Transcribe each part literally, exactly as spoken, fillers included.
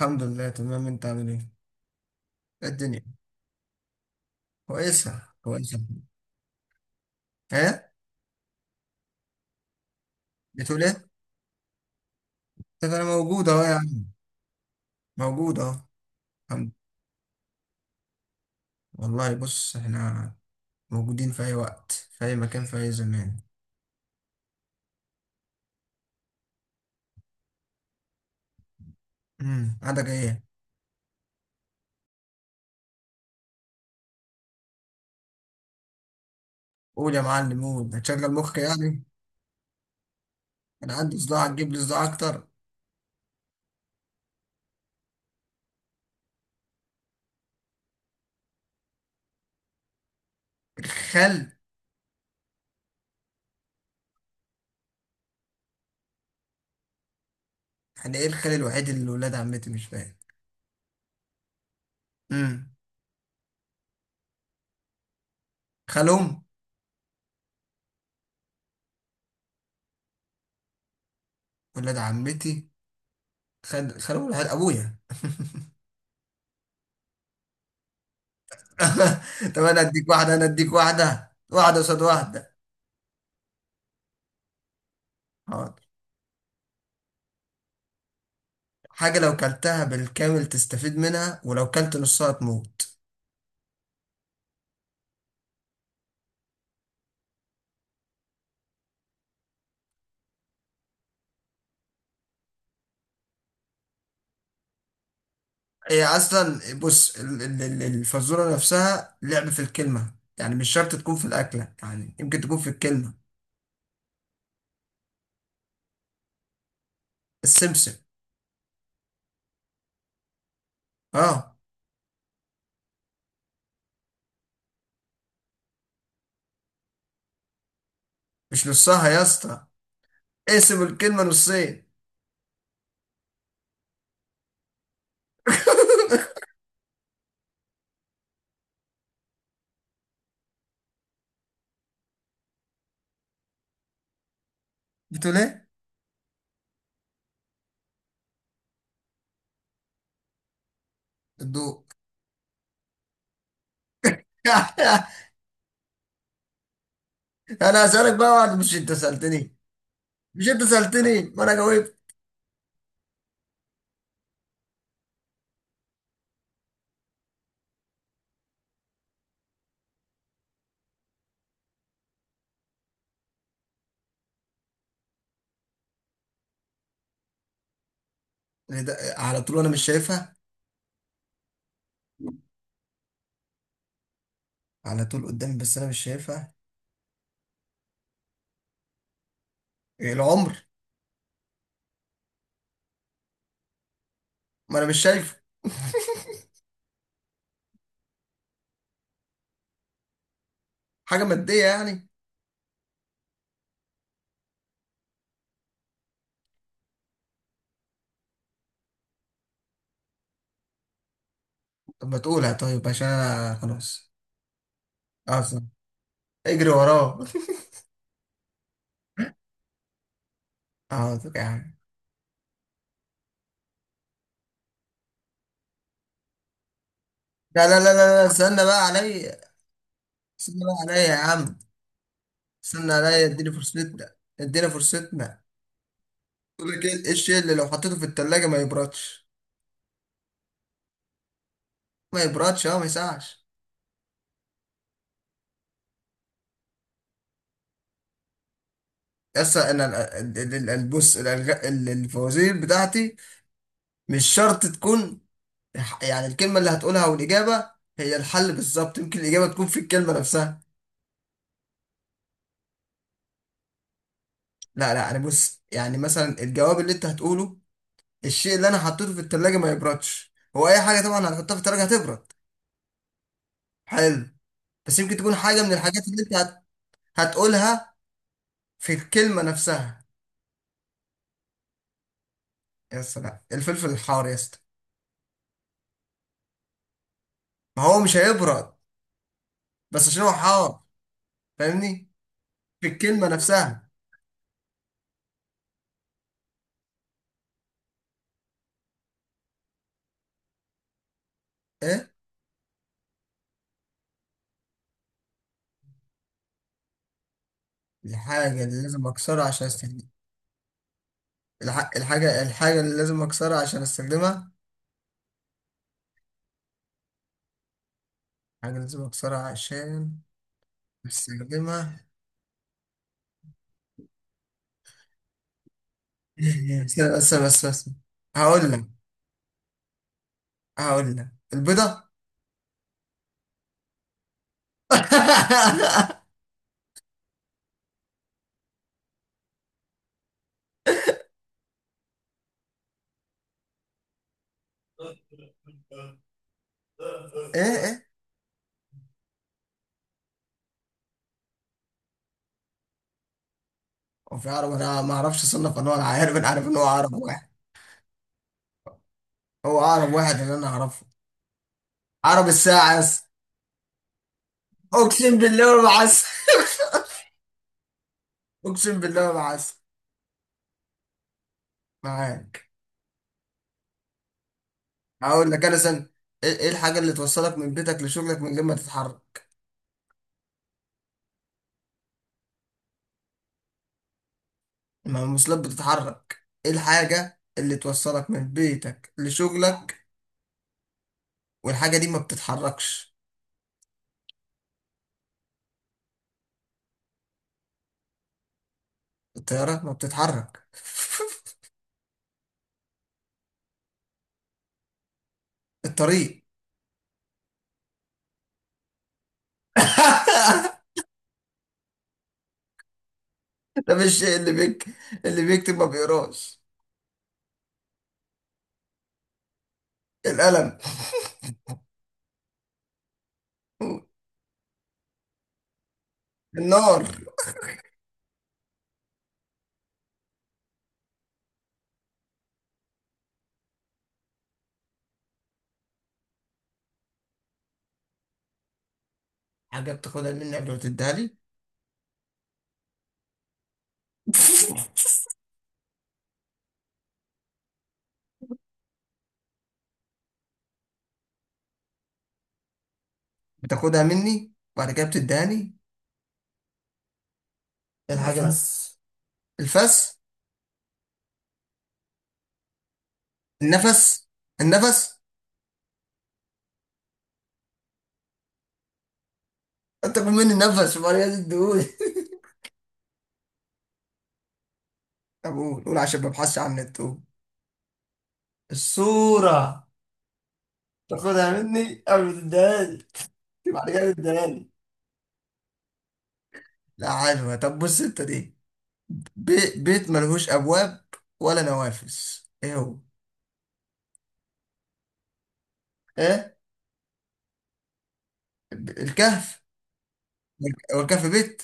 الحمد لله، تمام، انت عامل ايه؟ ايه الدنيا، كويسة كويسة. ايه؟ بتقول ايه؟ طب انا موجود اهو يا عم، موجود اهو. الحمد لله. والله بص احنا موجودين في اي وقت، في اي مكان، في اي زمان. امم عندك ايه؟ قول يا معلم، قول، هتشغل مخك يعني؟ انا عندي صداع، هتجيب لي صداع اكتر. الخل. يعني ايه الخل الوحيد اللي ولاد عمتي، مش فاهم. امم خالهم. ولاد عمتي، خال خالهم الوحيد ابويا. طب انا اديك واحده انا اديك واحده، واحده قصاد واحده. حاضر. حاجه لو كلتها بالكامل تستفيد منها، ولو كلت نصها تموت. هي اصلا، بص، ال- ال- ال- الفزوره نفسها لعب في الكلمه، يعني مش شرط تكون في الاكله، يعني يمكن تكون في الكلمه. السمسم، اه. مش نصها يا اسطى، اقسم الكلمه نصين. بتقول ايه؟ الضوء. انا هسألك بقى واحد. مش انت سألتني مش انت سألتني، ما انا جاوبت. إيه ده؟ على طول انا مش شايفها؟ على طول قدامي بس انا مش شايفها. إيه، العمر؟ ما انا مش شايفه. حاجه ماديه يعني؟ طب ما تقولها طيب، عشان أنا خلاص اصلا اجري وراه. حاضر يا عم. لا لا لا لا لا، استنى بقى عليا، استنى بقى عليا يا عم، استنى عليا، اديني فرصتنا، اديني فرصتنا. يقول لك ايه، إيه الشيء اللي لو حطيته في التلاجة ما يبردش؟ ما يبردش، اه ما يسقعش. يس، انا. ال- ال- ال- ال- بص، الألغ- ال- الفوازير بتاعتي مش شرط تكون، يعني الكلمة اللي هتقولها والإجابة هي الحل بالظبط، يمكن الإجابة تكون في الكلمة نفسها. لا لا، أنا بص، يعني مثلا الجواب اللي أنت هتقوله، الشيء اللي أنا حطيته في التلاجة ما يبردش، هو أي حاجة طبعا هنحطها في التلاجة هتبرد. حلو. بس يمكن تكون حاجة من الحاجات اللي أنت هت... هتقولها، في الكلمة نفسها. يا سلام، الفلفل الحار يا اسطى. ما هو مش هيبرد بس عشان هو حار، فاهمني؟ في الكلمة نفسها. إيه الحاجة اللي لازم أكسرها عشان أستخدمها؟ الح... الحاجة الحاجة اللي لازم أكسرها عشان أستخدمها. حاجة لازم أكسرها عشان أستخدمها. بس بس بس بس، هقول لك هقول لك البيضة. إيه إيه، هو في عرب أنا ما أعرفش أصنف أنواع العقارب؟ أنا عارف إن هو عقرب واحد. هو عقرب واحد اللي أنا أعرفه. عقرب الساعة، يس. أقسم بالله ما بعسل، أقسم بالله ما بعسل، معاك. هقول لك. أنا سن، إيه، إيه الحاجة اللي توصلك من بيتك لشغلك من غير ما تتحرك؟ ما الموصلات بتتحرك. إيه الحاجة اللي توصلك من بيتك لشغلك والحاجة دي ما بتتحركش؟ الطيارة ما بتتحرك. الطريق. ده مش شيء، اللي بيك اللي بيكتب ما بيقراش. القلم. النار. حاجة بتاخدها مني قبل ما تديها لي. بتاخدها مني وبعد كده بتديهاني. إيه الحاجة دي؟ نفس، الفس، النفس النفس انت كل مني النفس وبعد كده تديهولي. طب قول، قول عشان ما ابحثش عن النت، قول. الصورة، تاخدها مني قبل ما تديها لي. بعد كده تديهالي. لا، عارفها. طب بص انت دي، بي... بيت ملهوش ابواب ولا نوافذ، ايه هو؟ ايه، ب- الكهف؟ هو الكهف بيت؟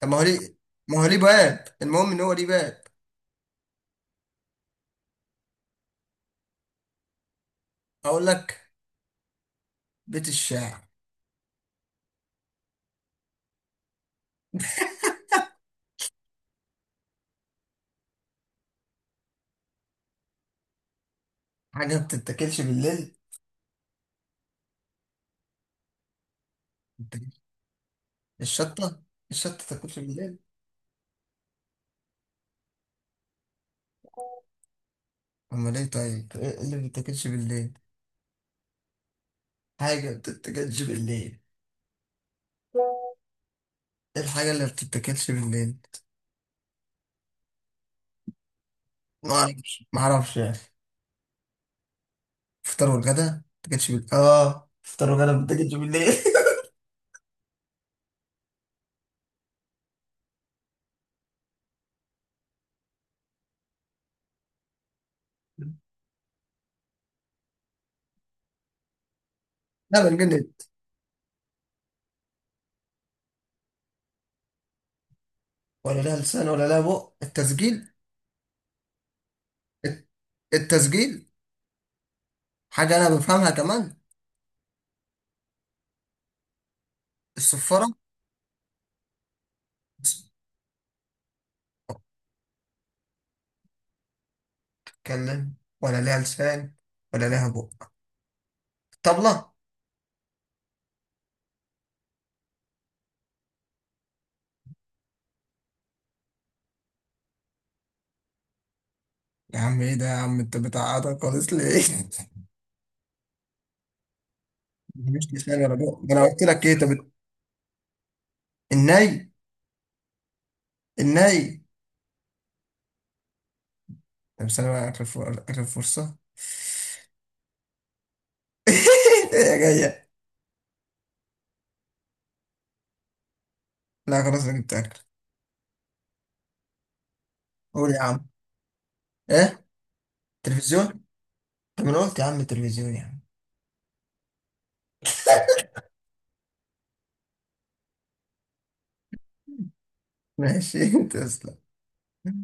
طب ما هو ليه ما هو ليه باب، المهم ان هو ليه باب. اقول لك بيت الشعر. حاجه ما بتتاكلش بالليل؟ بتتاكلش- الشطه الشطه تاكلش بالليل. امال ايه طيب، ايه اللي ما بتتاكلش بالليل؟ حاجه ما بتتاكلش بالليل، ايه الحاجه اللي ما بتتاكلش بالليل؟ ما اعرفش، ما اعرفش يعني. فطار والغدا ما تاكلش بال... اه فطار وغدا ما تاكلش بالليل. لا، بنجنن. ولا لها لسان ولا لها بق، التسجيل. الت- التسجيل، حاجة أنا بفهمها كمان. الصفارة. بتتكلم ولا لها لسان ولا لها بق، طبلة. يا عم إيه ده يا عم، أنت بتعقدها خالص ليه؟ مش لسان ولا بق، ده أنا قلت لك إيه؟ طب الت- الناي الناي. طب استنى بقى آخر فر- آخر فرصة. إيه يا جاية؟ لا خلاص، أنا جبت آخر. قول يا عم. إيه؟ تلفزيون. طب انا قلت يا عم التلفزيون يعني. ماشي انت يا أسطى.